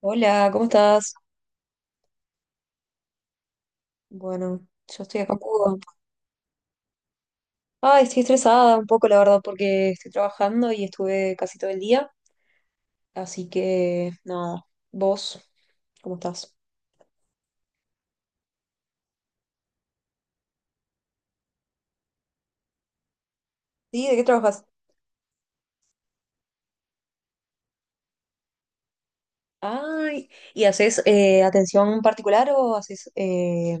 Hola, ¿cómo estás? Bueno, yo estoy acá un poco. Ay, estoy estresada un poco, la verdad, porque estoy trabajando y estuve casi todo el día. Así que, no. ¿Vos, cómo estás? Sí, ¿de qué trabajas? Ay, ¿y haces atención particular o haces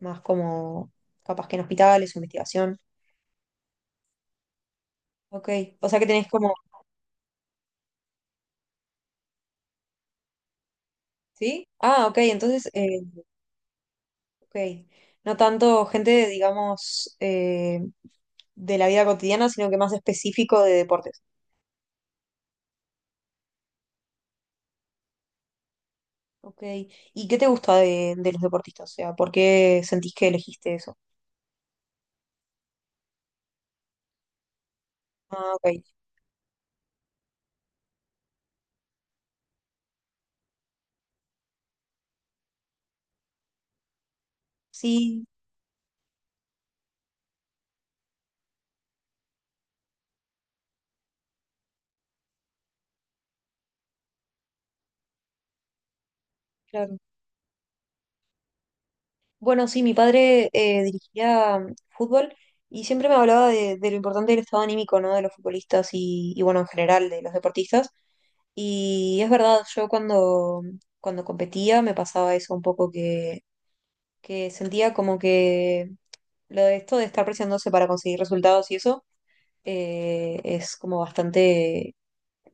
más como capaz que en hospitales o investigación? Ok, o sea que tenés como. ¿Sí? Ah, ok, entonces. Ok. No tanto gente, digamos, de la vida cotidiana, sino que más específico de deportes. Ok. ¿Y qué te gusta de los deportistas? O sea, ¿por qué sentís que elegiste eso? Ah, ok. Sí, claro. Bueno, sí, mi padre dirigía fútbol y siempre me hablaba de lo importante del estado anímico, ¿no? De los futbolistas y, bueno, en general, de los deportistas. Y es verdad, yo cuando, cuando competía me pasaba eso un poco que sentía como que lo de esto de estar presionándose para conseguir resultados y eso es como bastante,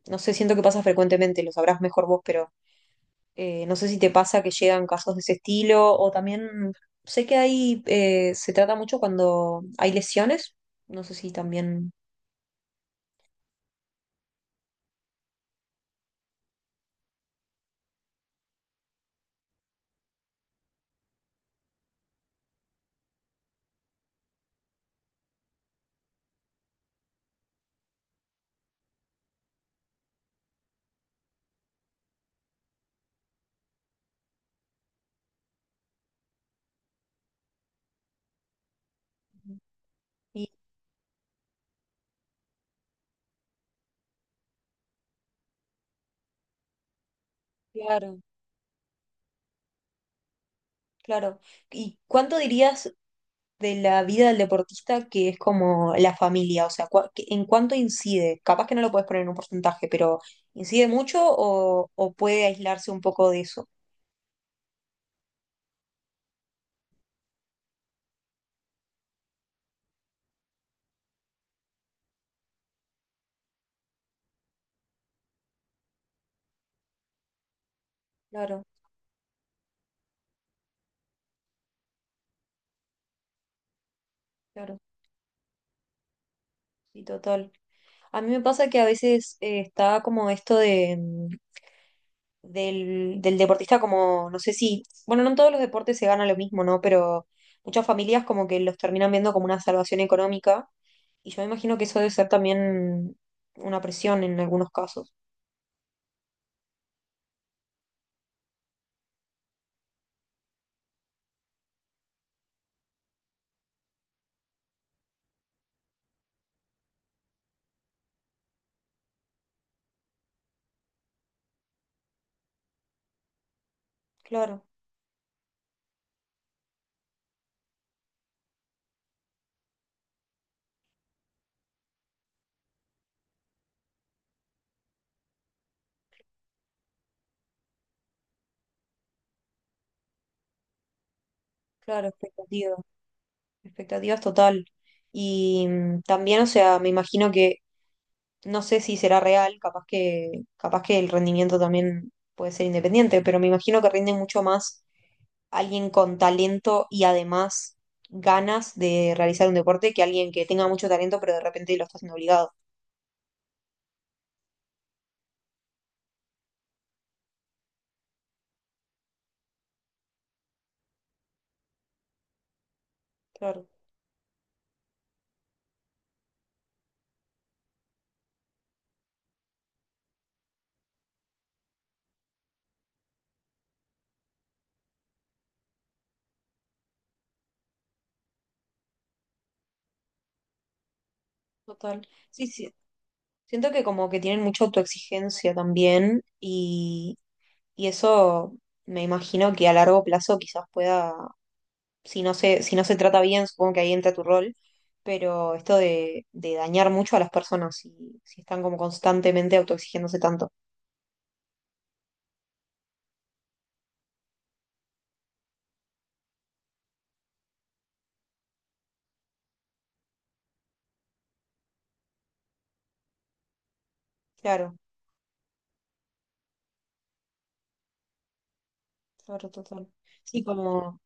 no sé, siento que pasa frecuentemente, lo sabrás mejor vos, pero no sé si te pasa que llegan casos de ese estilo o también sé que ahí se trata mucho cuando hay lesiones, no sé si también... Y claro, claro. ¿Y cuánto dirías de la vida del deportista que es como la familia, o sea, en cuánto incide? Capaz que no lo puedes poner en un porcentaje, pero ¿incide mucho o puede aislarse un poco de eso? Claro, claro, sí, total. A mí me pasa que a veces está como esto de, del, del deportista como, no sé si, bueno, no en todos los deportes se gana lo mismo, ¿no? Pero muchas familias como que los terminan viendo como una salvación económica y yo me imagino que eso debe ser también una presión en algunos casos. Claro. Claro, expectativas, expectativas total. Y también, o sea, me imagino que, no sé si será real, capaz que el rendimiento también puede ser independiente, pero me imagino que rinde mucho más alguien con talento y además ganas de realizar un deporte que alguien que tenga mucho talento, pero de repente lo está haciendo obligado. Claro, total. Sí, sí. Siento que como que tienen mucha autoexigencia también y eso me imagino que a largo plazo quizás pueda si no se, si no se trata bien, supongo que ahí entra tu rol, pero esto de dañar mucho a las personas si, si están como constantemente autoexigiéndose tanto. Claro, claro, total. Sí, como,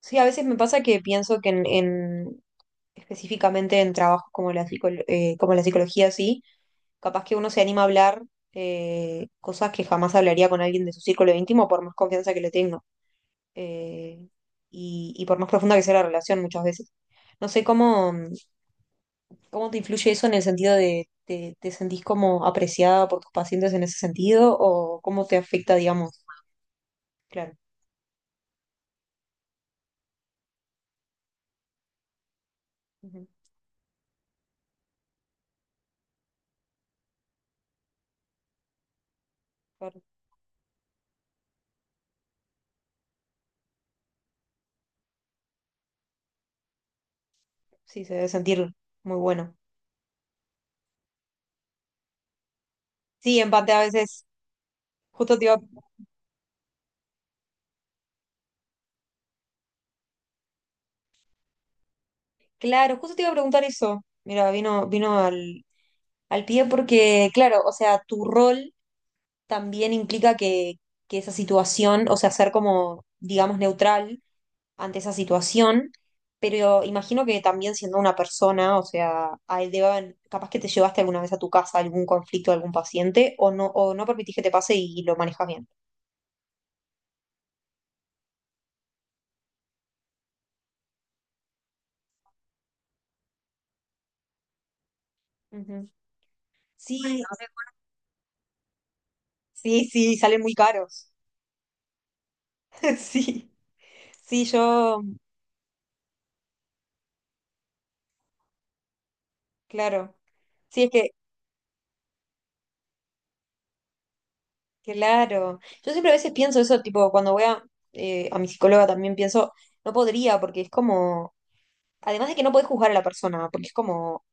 sí, a veces me pasa que pienso que en- específicamente en trabajos como la como la psicología, sí, capaz que uno se anima a hablar cosas que jamás hablaría con alguien de su círculo íntimo por más confianza que le tenga. eh, y, y por más profunda que sea la relación muchas veces. No sé cómo, ¿cómo te influye eso en el sentido de, te sentís como apreciada por tus pacientes en ese sentido? ¿O cómo te afecta, digamos? Claro. Ujú, claro. Sí, se debe sentir muy bueno. Sí, empate a veces. Justo te iba, claro, justo te iba a preguntar eso. Mira, vino, vino al, al pie porque, claro, o sea, tu rol también implica que esa situación, o sea, ser como, digamos, neutral ante esa situación, pero imagino que también siendo una persona, o sea, a él debe haber- capaz que te llevaste alguna vez a tu casa algún conflicto de algún paciente o no permitís que te pase y lo manejas bien. Ujú. Sí, sí, sí, salen muy caros. Sí, sí, yo, claro. Sí, es que, claro. Yo siempre a veces pienso eso, tipo, cuando voy a mi psicóloga también pienso, no podría, porque es como, además de que no podés juzgar a la persona, porque es como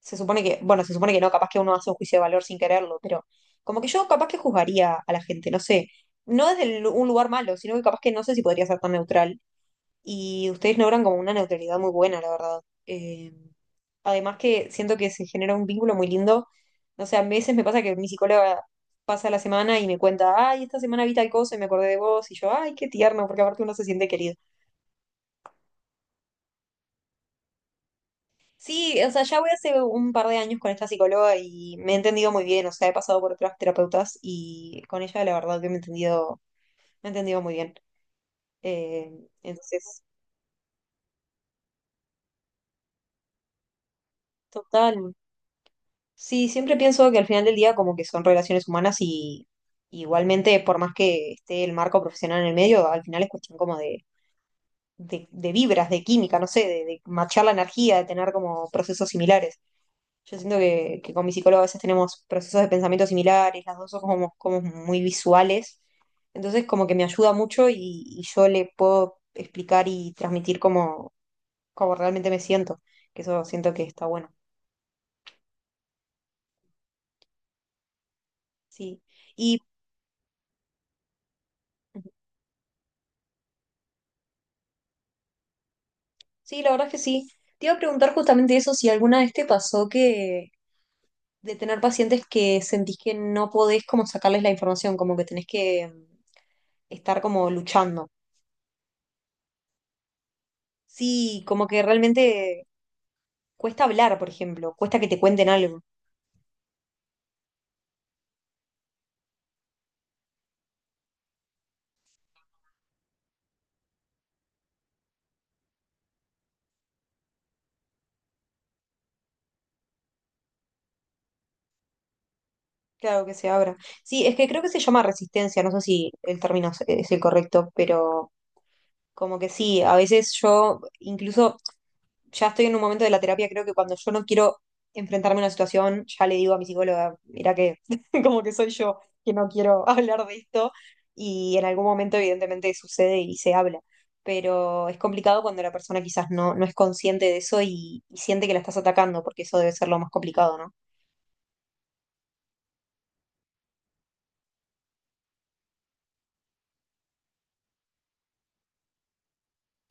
se supone que, bueno, se supone que no, capaz que uno hace un juicio de valor sin quererlo, pero como que yo capaz que juzgaría a la gente, no sé, no un lugar malo, sino que capaz que no sé si podría ser tan neutral. Y ustedes logran como una neutralidad muy buena, la verdad. Eh, Además que siento que se genera un vínculo muy lindo. No sé, a veces me pasa que mi psicóloga pasa la semana y me cuenta, ay, esta semana vi tal cosa y me acordé de vos, y yo, ay, qué tierno, porque aparte uno se siente querido. Sí, o sea, ya voy hace un par de años con esta psicóloga y me he entendido muy bien, o sea, he pasado por otras terapeutas y con ella la verdad que me he entendido muy bien. Entonces, total. Sí, siempre pienso que al final del día como que son relaciones humanas y igualmente, por más que esté el marco profesional en el medio, al final es cuestión como de vibras, de química, no sé, de machar la energía, de tener como procesos similares. Yo siento que con mi psicóloga a veces tenemos procesos de pensamiento similares, las dos somos como muy visuales, entonces como que me ayuda mucho y yo le puedo explicar y transmitir cómo, cómo realmente me siento, que eso siento que está bueno. Sí, y sí, la verdad es que sí. Te iba a preguntar justamente eso, si alguna vez te pasó que de tener pacientes que sentís que no podés como sacarles la información, como que tenés que estar como luchando. Sí, como que realmente cuesta hablar, por ejemplo, cuesta que te cuenten algo. Claro que se abra. Sí, es que creo que se llama resistencia, no sé si el término es el correcto, pero como que sí, a veces yo incluso ya estoy en un momento de la terapia, creo que cuando yo no quiero enfrentarme a una situación, ya le digo a mi psicóloga, mira que como que soy yo que no quiero hablar de esto y en algún momento evidentemente sucede y se habla, pero es complicado cuando la persona quizás no, no es consciente de eso y siente que la estás atacando, porque eso debe ser lo más complicado, ¿no?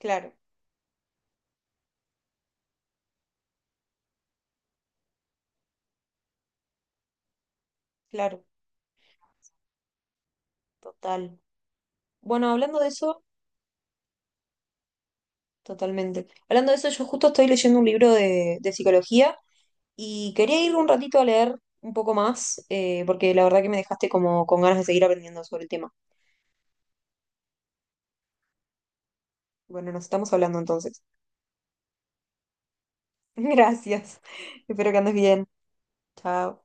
Claro. Claro, total. Bueno, hablando de eso, totalmente. Hablando de eso, yo justo estoy leyendo un libro de psicología y quería ir un ratito a leer un poco más, porque la verdad que me dejaste como con ganas de seguir aprendiendo sobre el tema. Bueno, nos estamos hablando entonces. Gracias. Espero que andes bien. Chao.